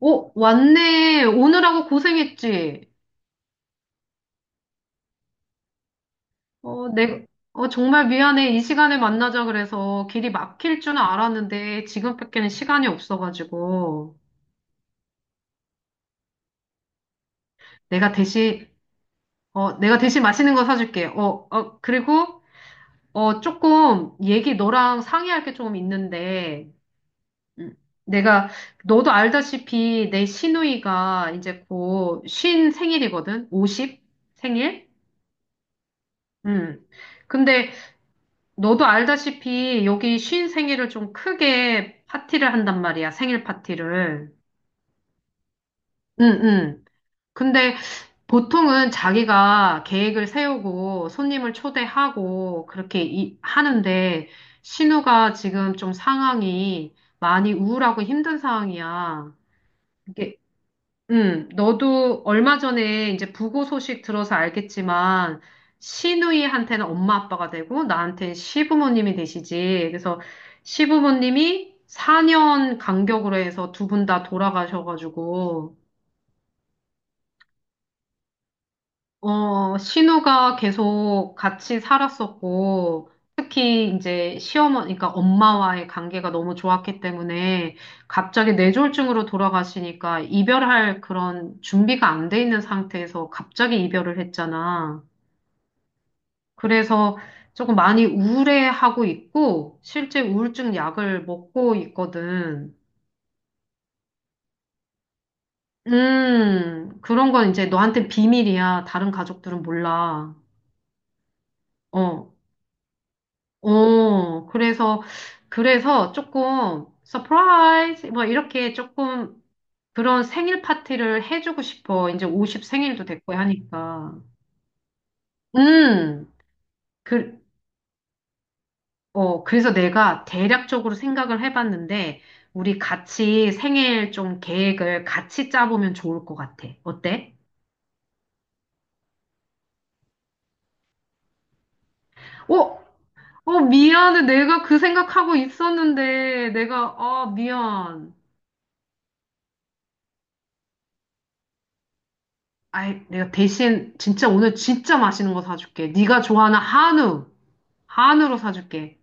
오, 왔네. 오느라고 고생했지. 어, 내, 정말 미안해. 이 시간에 만나자 그래서 길이 막힐 줄은 알았는데 지금밖에는 시간이 없어가지고. 내가 대신, 내가 대신 맛있는 거 사줄게. 그리고, 조금 얘기 너랑 상의할 게 조금 있는데. 음, 내가, 너도 알다시피 내 시누이가 이제 곧 쉰 생일이거든? 50 생일? 음. 근데 너도 알다시피 여기 쉰 생일을 좀 크게 파티를 한단 말이야, 생일 파티를. 응, 응. 근데 보통은 자기가 계획을 세우고 손님을 초대하고 그렇게 하는데, 신우가 지금 좀 상황이 많이 우울하고 힘든 상황이야. 이게 너도 얼마 전에 이제 부고 소식 들어서 알겠지만, 시누이한테는 엄마 아빠가 되고, 나한테는 시부모님이 되시지. 그래서 시부모님이 4년 간격으로 해서 두 분 다 돌아가셔가지고, 신우가 계속 같이 살았었고, 특히 이제 그러니까 엄마와의 관계가 너무 좋았기 때문에 갑자기 뇌졸중으로 돌아가시니까 이별할 그런 준비가 안 돼 있는 상태에서 갑자기 이별을 했잖아. 그래서 조금 많이 우울해하고 있고, 실제 우울증 약을 먹고 있거든. 그런 건 이제 너한테 비밀이야. 다른 가족들은 몰라. 어. 어, 그래서, 그래서 조금, 서프라이즈, 뭐, 이렇게 조금 그런 생일 파티를 해주고 싶어. 이제 50 생일도 됐고 하니까. 음, 그, 그래서 내가 대략적으로 생각을 해봤는데, 우리 같이 생일 좀 계획을 같이 짜보면 좋을 것 같아. 어때? 어, 미안해. 내가 그 생각하고 있었는데, 미안. 아이, 내가 대신 진짜 오늘 진짜 맛있는 거 사줄게. 네가 좋아하는 한우로 사줄게.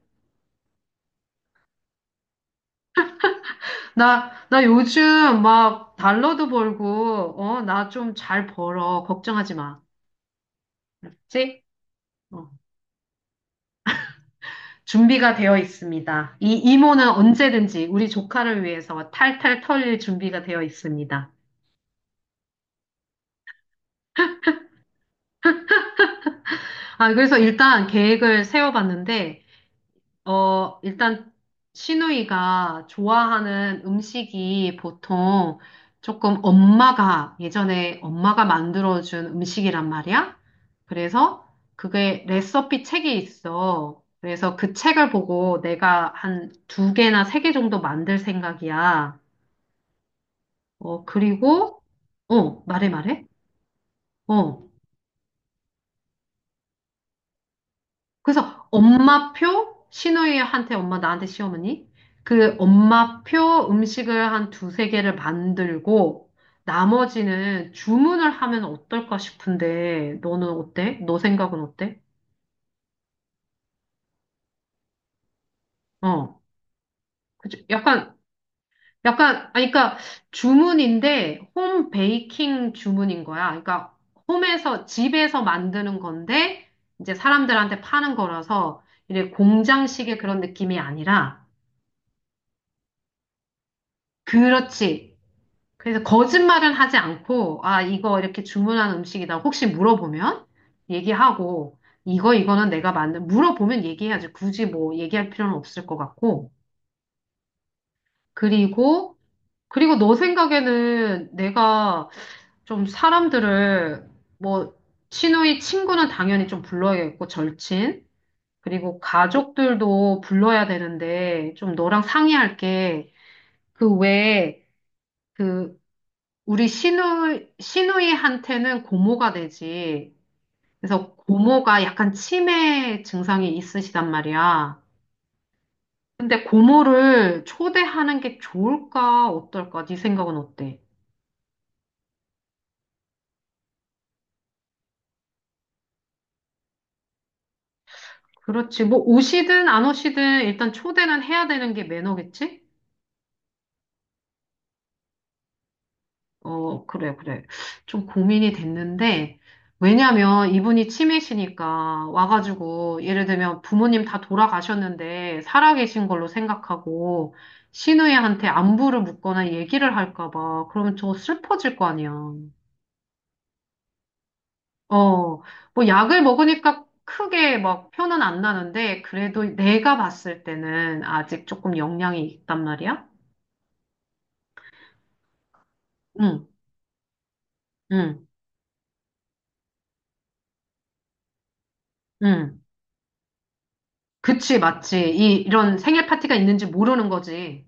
나 요즘 막 달러도 벌고, 나 좀 잘 벌어. 걱정하지 마. 그치? 어, 준비가 되어 있습니다. 이 이모는 언제든지 우리 조카를 위해서 탈탈 털릴 준비가 되어 있습니다. 아, 그래서 일단 계획을 세워봤는데, 일단 시누이가 좋아하는 음식이 보통 조금 엄마가 예전에 엄마가 만들어준 음식이란 말이야. 그래서 그게 레시피 책이 있어. 그래서 그 책을 보고 내가 한 두 개나 세 개 정도 만들 생각이야. 그리고 말해 말해. 어. 그래서 엄마표 시누이한테 엄마 나한테 시어머니 그 엄마표 음식을 한 두세 개를 만들고 나머지는 주문을 하면 어떨까 싶은데 너는 어때? 너 생각은 어때? 어, 그치? 약간 아니 그러니까 주문인데 홈 베이킹 주문인 거야. 그러니까 홈에서 집에서 만드는 건데 이제 사람들한테 파는 거라서 이래 공장식의 그런 느낌이 아니라 그렇지. 그래서 거짓말은 하지 않고, 아, 이거 이렇게 주문한 음식이다. 혹시 물어보면 얘기하고, 이거는 내가 만든, 물어보면 얘기해야지. 굳이 뭐 얘기할 필요는 없을 것 같고. 그리고, 너 생각에는 내가 좀 사람들을, 뭐, 친구의 친구는 당연히 좀 불러야겠고, 절친. 그리고 가족들도 불러야 되는데, 좀 너랑 상의할게. 그 외에, 그 우리 시누이한테는 고모가 되지. 그래서 고모가 약간 치매 증상이 있으시단 말이야. 근데 고모를 초대하는 게 좋을까, 어떨까? 네 생각은 어때? 그렇지. 뭐 오시든 안 오시든 일단 초대는 해야 되는 게 매너겠지? 그래, 그래. 좀 고민이 됐는데, 왜냐면 이분이 치매시니까 와가지고, 예를 들면 부모님 다 돌아가셨는데, 살아계신 걸로 생각하고, 시누이한테 안부를 묻거나 얘기를 할까봐, 그러면 저 슬퍼질 거 아니야. 어, 뭐 약을 먹으니까 크게 막 표는 안 나는데, 그래도 내가 봤을 때는 아직 조금 영향이 있단 말이야? 응, 응, 응. 그치, 맞지. 이런 생일 파티가 있는지 모르는 거지.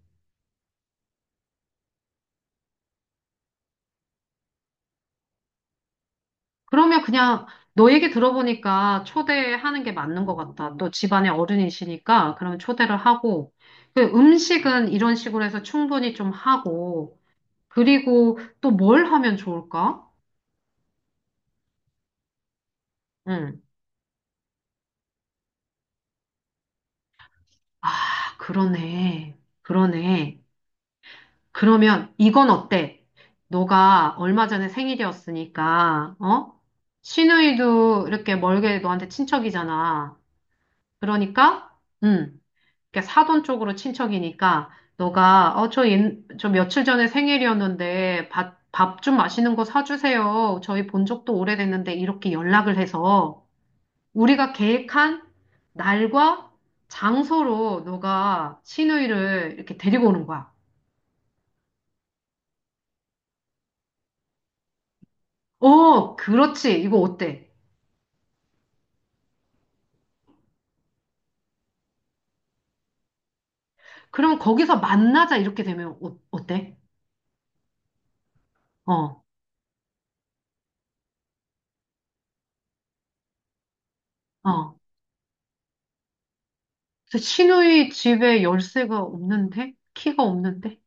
그러면 그냥 너 얘기 들어보니까 초대하는 게 맞는 것 같다. 너 집안에 어른이시니까 그러면 초대를 하고 그 음식은 이런 식으로 해서 충분히 좀 하고 그리고 또 뭘 하면 좋을까? 응. 아, 그러네. 그러네. 그러면 이건 어때? 너가 얼마 전에 생일이었으니까 어? 시누이도 이렇게 멀게 너한테 친척이잖아. 그러니까 응. 그러니까 사돈 쪽으로 친척이니까 너가 어, 저, 옛, 저 며칠 전에 생일이었는데 밥 좀 맛있는 거 사주세요. 저희 본 적도 오래됐는데 이렇게 연락을 해서 우리가 계획한 날과 장소로 너가 시누이를 이렇게 데리고 오는 거야. 그렇지. 이거 어때? 그럼 거기서 만나자 이렇게 되면 어때? 어, 어. 그래서 시누이 집에 열쇠가 없는데? 키가 없는데?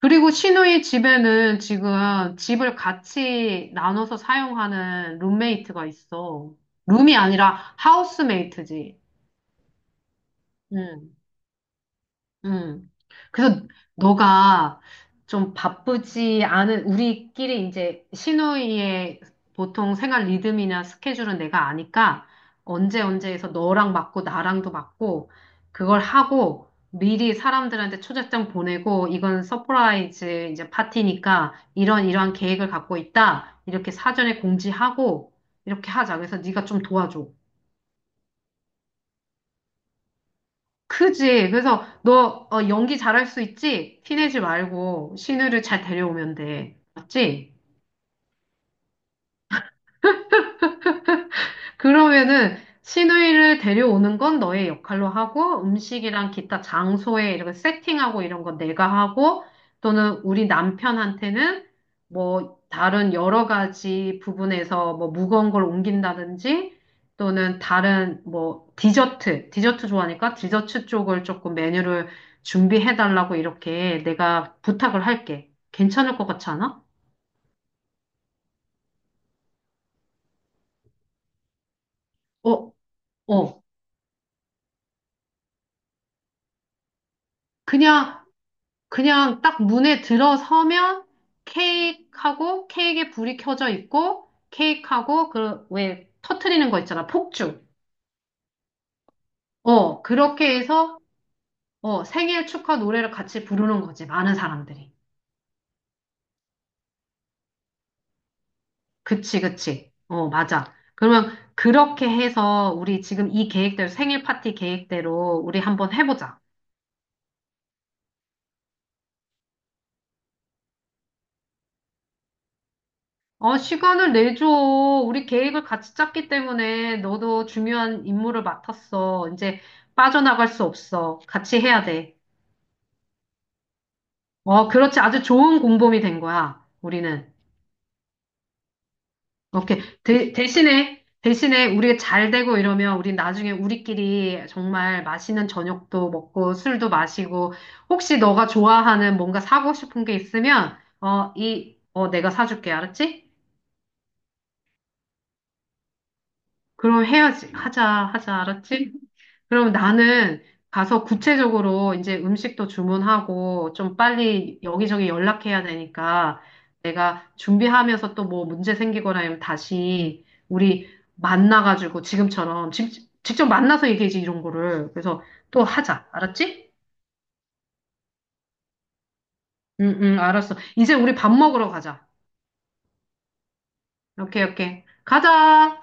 그리고 시누이 집에는 지금 집을 같이 나눠서 사용하는 룸메이트가 있어. 룸이 아니라 하우스메이트지. 응. 음. 그래서 너가 좀 바쁘지 않은 우리끼리 이제 시누이의 보통 생활 리듬이나 스케줄은 내가 아니까 언제 언제에서 너랑 맞고 나랑도 맞고 그걸 하고 미리 사람들한테 초대장 보내고 이건 서프라이즈 이제 파티니까 이런 이러한 계획을 갖고 있다. 이렇게 사전에 공지하고 이렇게 하자. 그래서 네가 좀 도와줘. 크지. 그래서 너 연기 잘할 수 있지? 티내지 말고 신우를 잘 데려오면 돼. 맞지? 그러면은 시누이를 데려오는 건 너의 역할로 하고 음식이랑 기타 장소에 이렇게 세팅하고 이런 건 내가 하고 또는 우리 남편한테는 뭐 다른 여러 가지 부분에서 뭐 무거운 걸 옮긴다든지 또는 다른 뭐 디저트 좋아하니까 디저트 쪽을 조금 메뉴를 준비해 달라고 이렇게 내가 부탁을 할게. 괜찮을 것 같지 않아? 어, 어. 그냥 그냥 딱 문에 들어서면 케이크하고 케이크에 불이 켜져 있고 케이크하고 그 왜 터트리는 거 있잖아. 폭죽. 그렇게 해서 생일 축하 노래를 같이 부르는 거지. 많은 사람들이. 그치, 그치. 맞아. 그러면 그렇게 해서 우리 지금 이 계획대로 생일 파티 계획대로 우리 한번 해보자. 아, 시간을 내줘. 우리 계획을 같이 짰기 때문에 너도 중요한 임무를 맡았어. 이제 빠져나갈 수 없어. 같이 해야 돼. 그렇지. 아주 좋은 공범이 된 거야. 우리는. 오케이. 대신에 우리가 잘 되고 이러면 우리 나중에 우리끼리 정말 맛있는 저녁도 먹고 술도 마시고 혹시 너가 좋아하는 뭔가 사고 싶은 게 있으면 내가 사줄게. 알았지? 그럼 해야지. 하자, 알았지? 그럼 나는 가서 구체적으로 이제 음식도 주문하고 좀 빨리 여기저기 연락해야 되니까 내가 준비하면서 또 뭐 문제 생기거나 하면 다시 우리 만나가지고 지금처럼 직접 만나서 얘기하지 이런 거를. 그래서 또 하자. 알았지? 응, 응, 알았어. 이제 우리 밥 먹으러 가자. 오케이, 오케이. 가자!